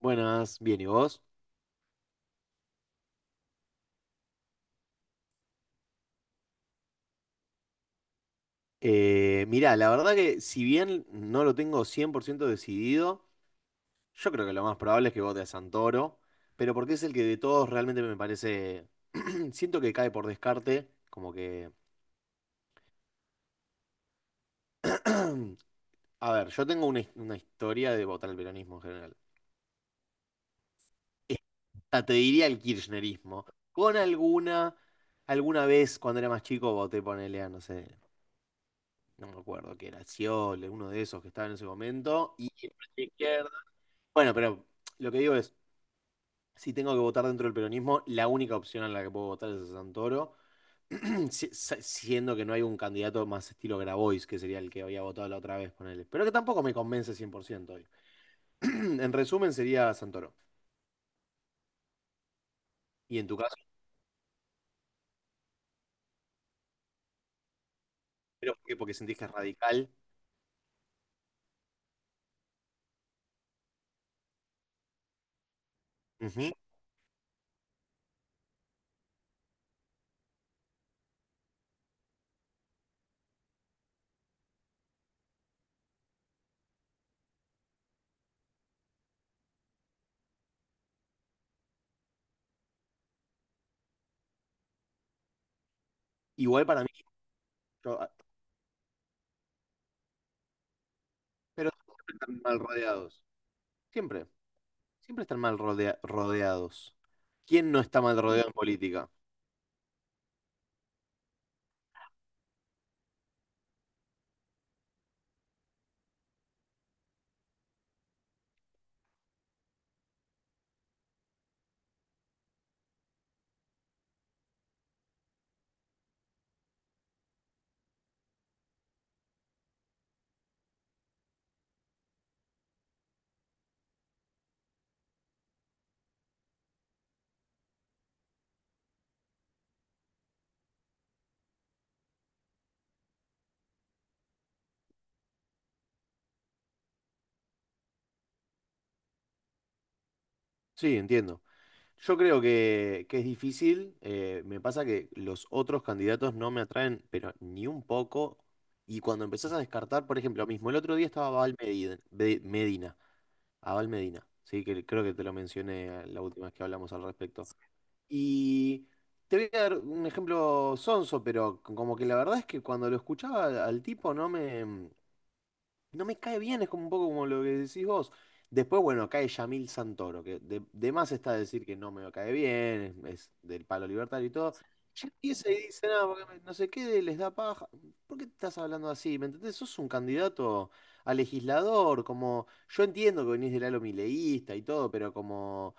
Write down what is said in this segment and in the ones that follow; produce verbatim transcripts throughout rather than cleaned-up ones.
Buenas, bien, ¿y vos? Eh, mirá, la verdad que si bien no lo tengo cien por ciento decidido, yo creo que lo más probable es que vote a Santoro, pero porque es el que de todos realmente me parece, siento que cae por descarte, como que, a ver, yo tengo una, his- una historia de votar al peronismo en general. Esta te diría el kirchnerismo, con alguna, alguna vez cuando era más chico voté, ponele a, no sé, no me acuerdo qué era, Sciole, uno de esos que estaba en ese momento. Y bueno, pero lo que digo es, si tengo que votar dentro del peronismo, la única opción en la que puedo votar es a Santoro. si- sa- siendo que no hay un candidato más estilo Grabois, que sería el que había votado la otra vez, ponele. Pero que tampoco me convence cien por ciento hoy. En resumen, sería Santoro. Y en tu caso, pero ¿por qué? ¿Porque sentís que es radical? Ujú. Igual para mí, yo- ah, pero siempre están mal rodeados. Siempre, siempre están mal rodea- rodeados. ¿Quién no está mal rodeado en política? Sí, entiendo. Yo creo que, que es difícil. Eh, me pasa que los otros candidatos no me atraen, pero ni un poco. Y cuando empezás a descartar, por ejemplo, mismo el otro día estaba Abel Medina, Be- Medina, Abel Medina, sí, que creo que te lo mencioné la última vez que hablamos al respecto. Y te voy a dar un ejemplo sonso, pero como que la verdad es que cuando lo escuchaba al al tipo no me, no me cae bien, es como un poco como lo que decís vos. Después, bueno, cae Yamil Santoro, que de, de más está decir que no me cae bien, es, del palo libertario y todo. Ya empieza y dice, nada, porque me- no sé qué, les da paja. ¿Por qué estás hablando así? ¿Me entendés? Sos un candidato a legislador, como yo entiendo que venís del halo mileísta y todo, pero como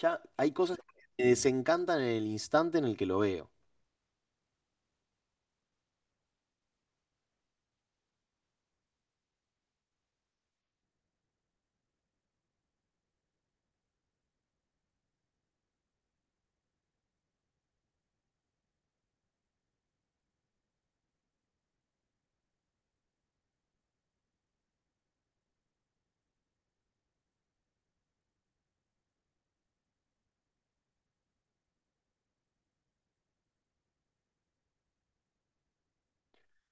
ya hay cosas que me desencantan en el instante en el que lo veo.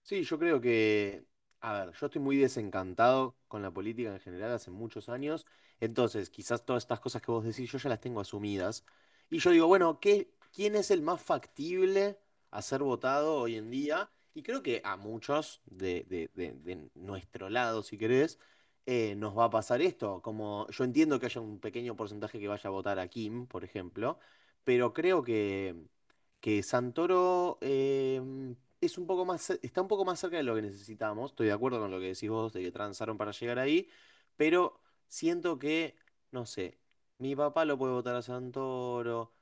Sí, yo creo que, a ver, yo estoy muy desencantado con la política en general hace muchos años, entonces quizás todas estas cosas que vos decís yo ya las tengo asumidas. Y yo digo, bueno, ¿qué, quién es el más factible a ser votado hoy en día? Y creo que a muchos de, de- de- de nuestro lado, si querés, eh, nos va a pasar esto. Como yo entiendo que haya un pequeño porcentaje que vaya a votar a Kim, por ejemplo, pero creo que que Santoro eh, es un poco más, ce- está un poco más cerca de lo que necesitamos. Estoy de acuerdo con lo que decís vos de que transaron para llegar ahí, pero siento que, no sé, mi papá lo puede votar a Santoro.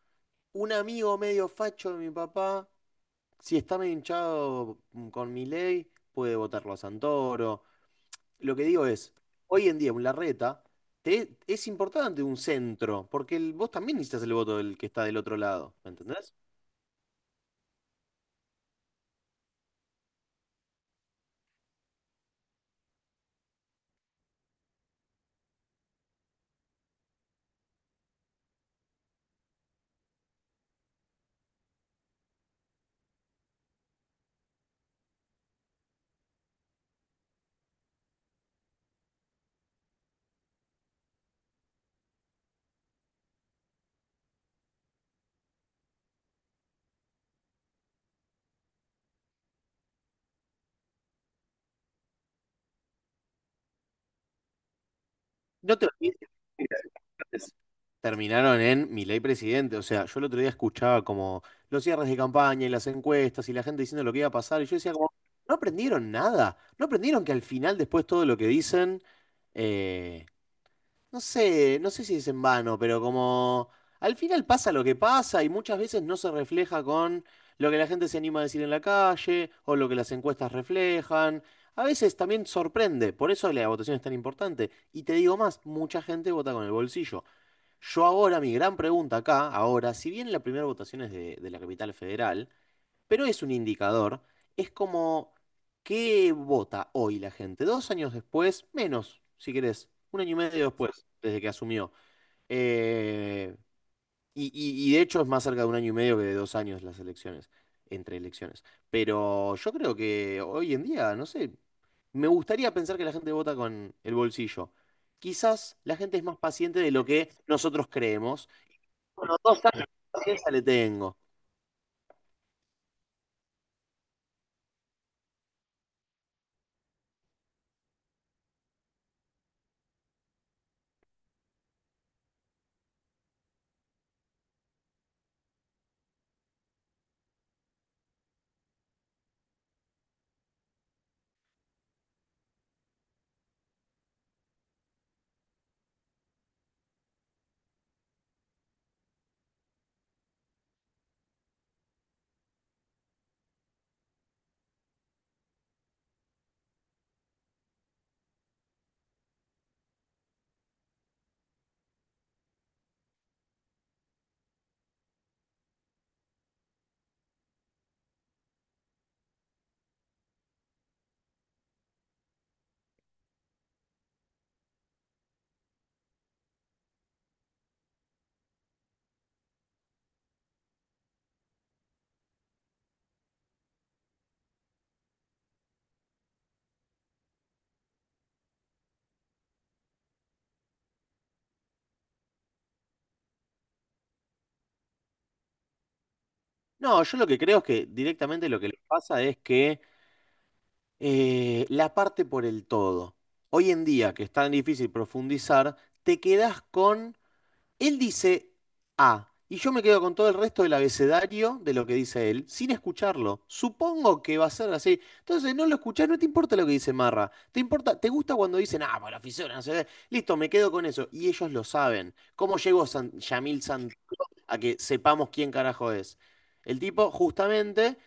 Un amigo medio facho de mi papá, si está medio hinchado mm, con mi ley, puede votarlo a Santoro. Lo que digo es, hoy en día un Larreta te- es importante un centro, porque el- vos también necesitas el voto del que está del otro lado, ¿me entendés? No te olvides. es- Terminaron en Milei presidente. O sea, yo el otro día escuchaba como los cierres de campaña y las encuestas y la gente diciendo lo que iba a pasar. Y yo decía como, no aprendieron nada. No aprendieron que al final, después todo lo que dicen, eh, no sé, no sé si es en vano, pero como al final pasa lo que pasa y muchas veces no se refleja con lo que la gente se anima a decir en la calle o lo que las encuestas reflejan. A veces también sorprende, por eso la votación es tan importante. Y te digo más, mucha gente vota con el bolsillo. Yo ahora, mi gran pregunta acá, ahora, si bien la primera votación es de, de la capital federal, pero es un indicador, es como, ¿qué vota hoy la gente? Dos años después, menos, si querés, un año y medio después, desde que asumió. Eh, y, y- y de hecho es más cerca de un año y medio que de dos años las elecciones, entre elecciones. Pero yo creo que hoy en día, no sé, me gustaría pensar que la gente vota con el bolsillo. Quizás la gente es más paciente de lo que nosotros creemos. Bueno, dos años de paciencia le tengo. No, yo lo que creo es que directamente lo que les pasa es que eh, la parte por el todo. Hoy en día, que es tan difícil profundizar, te quedás con. Él dice A, y yo me quedo con todo el resto del abecedario de lo que dice él, sin escucharlo. Supongo que va a ser así. Entonces no lo escuchás, no te importa lo que dice Marra. Te importa, te gusta cuando dicen, ah, por la fisura, no sé qué. Listo, me quedo con eso. Y ellos lo saben. ¿Cómo llegó San- Yamil Santiago a que sepamos quién carajo es? El tipo justamente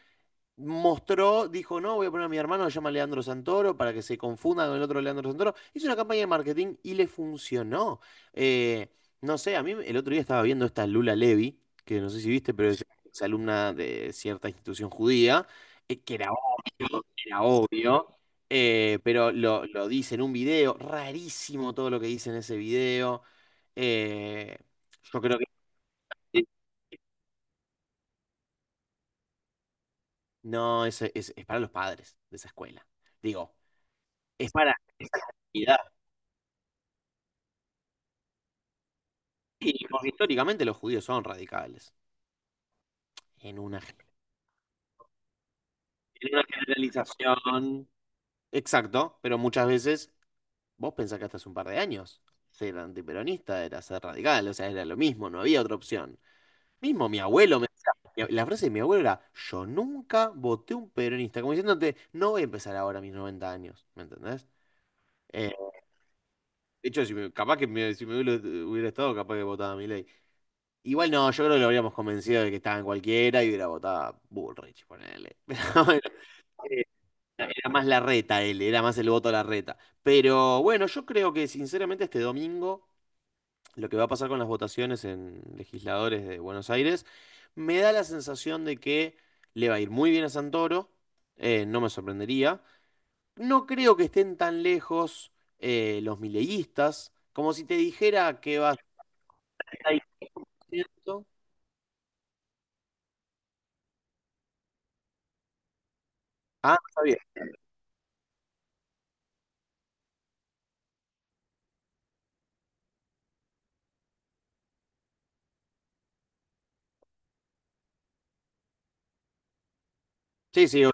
mostró, dijo, no, voy a poner a mi hermano que se llama Leandro Santoro para que se confunda con el otro Leandro Santoro. Hizo una campaña de marketing y le funcionó. Eh, no sé, a mí el otro día estaba viendo esta Lula Levy, que no sé si viste, pero es alumna de cierta institución judía, eh, que era obvio, era obvio. Eh, pero lo, lo dice en un video, rarísimo todo lo que dice en ese video. eh, yo creo que no, eso es, es para los padres de esa escuela. Digo, es para esa comunidad. Y porque históricamente los judíos son radicales. En una, ge- en una generalización. Exacto, pero muchas veces vos pensás que hasta hace un par de años ser antiperonista era ser radical, o sea, era lo mismo, no había otra opción. Mismo mi abuelo me decía, la frase de mi abuelo era, yo nunca voté un peronista, como diciéndote, no voy a empezar ahora a mis noventa años, ¿me entendés? Eh, de hecho, si me- capaz que me- si mi abuelo hubiera estado, capaz que votaba a mi ley. Igual no, yo creo que lo habríamos convencido de que estaba en cualquiera y hubiera votado Bullrich, ponele. Pero bueno, eh, era más la reta él, era más el voto a la reta. Pero bueno, yo creo que sinceramente este domingo, lo que va a pasar con las votaciones en legisladores de Buenos Aires, me da la sensación de que le va a ir muy bien a Santoro, eh, no me sorprendería. No creo que estén tan lejos eh, los mileístas, como si te dijera que va a setenta por ciento. Ah, está bien. Sí, sí.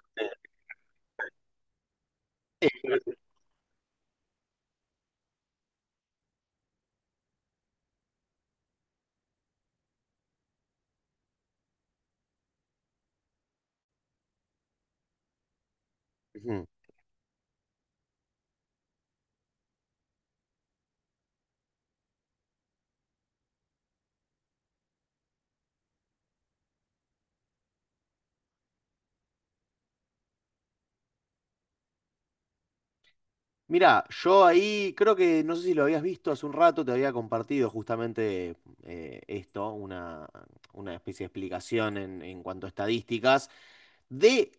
Obvio. Mirá, yo ahí creo que, no sé si lo habías visto hace un rato, te había compartido justamente eh, esto, una, una especie de explicación en, en cuanto a estadísticas, de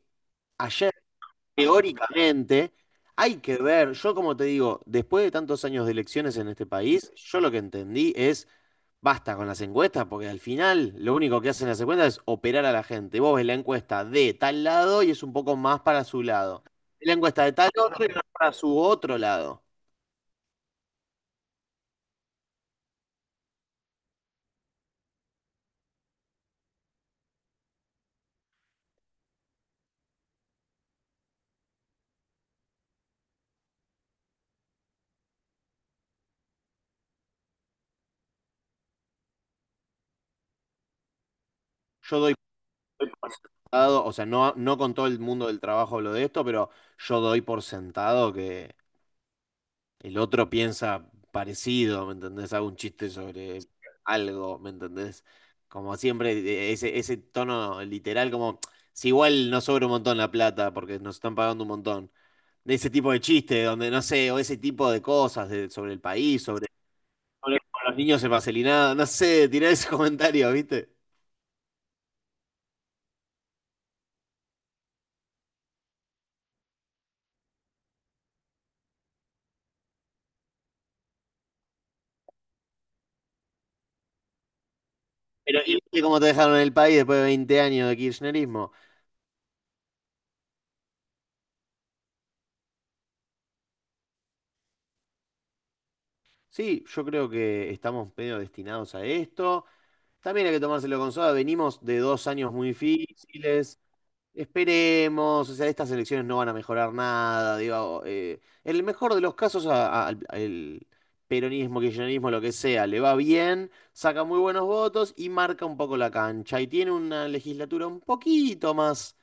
ayer. Teóricamente, hay que ver, yo como te digo, después de tantos años de elecciones en este país, yo lo que entendí es, basta con las encuestas, porque al final lo único que hacen las encuestas es operar a la gente. Vos ves la encuesta de tal lado y es un poco más para su lado. La encuesta de tal otro y más para su otro lado. Yo doy doy por sentado, o sea, no, no con todo el mundo del trabajo hablo de esto, pero yo doy por sentado que el otro piensa parecido, ¿me entendés? Hago un chiste sobre algo, ¿me entendés? Como siempre, de- ese, ese tono literal, como si igual no sobra un montón la plata porque nos están pagando un montón. De ese tipo de chiste, donde no sé, o ese tipo de cosas de- sobre el país, sobre, sobre cómo los niños en Marcelinado, no sé, tirá ese comentario, ¿viste? Pero ¿y viste cómo te dejaron en el país después de veinte años de kirchnerismo? Sí, yo creo que estamos medio destinados a esto. También hay que tomárselo con soda. Venimos de dos años muy difíciles. Esperemos. O sea, estas elecciones no van a mejorar nada. Digo, eh, en el mejor de los casos, a- a- al el peronismo, kirchnerismo, lo que sea, le va bien, saca muy buenos votos y marca un poco la cancha. Y tiene una legislatura un poquito más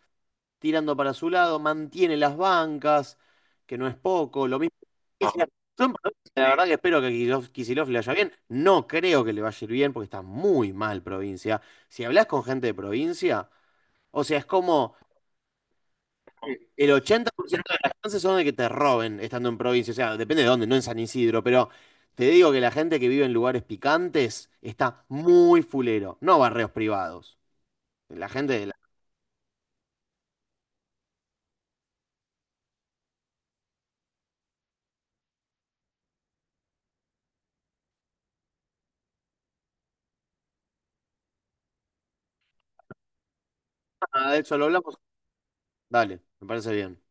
tirando para su lado, mantiene las bancas, que no es poco, lo mismo. Que Kicillof. Son provincias, la verdad que espero que Kicillof, Kicillof le vaya bien. No creo que le vaya a ir bien porque está muy mal provincia. Si hablas con gente de provincia, o sea, es como el ochenta por ciento de las chances son de que te roben estando en provincia. O sea, depende de dónde, no en San Isidro, pero te digo que la gente que vive en lugares picantes está muy fulero, no barrios privados. La gente de la... Ah, de eso lo hablamos. Dale, me parece bien.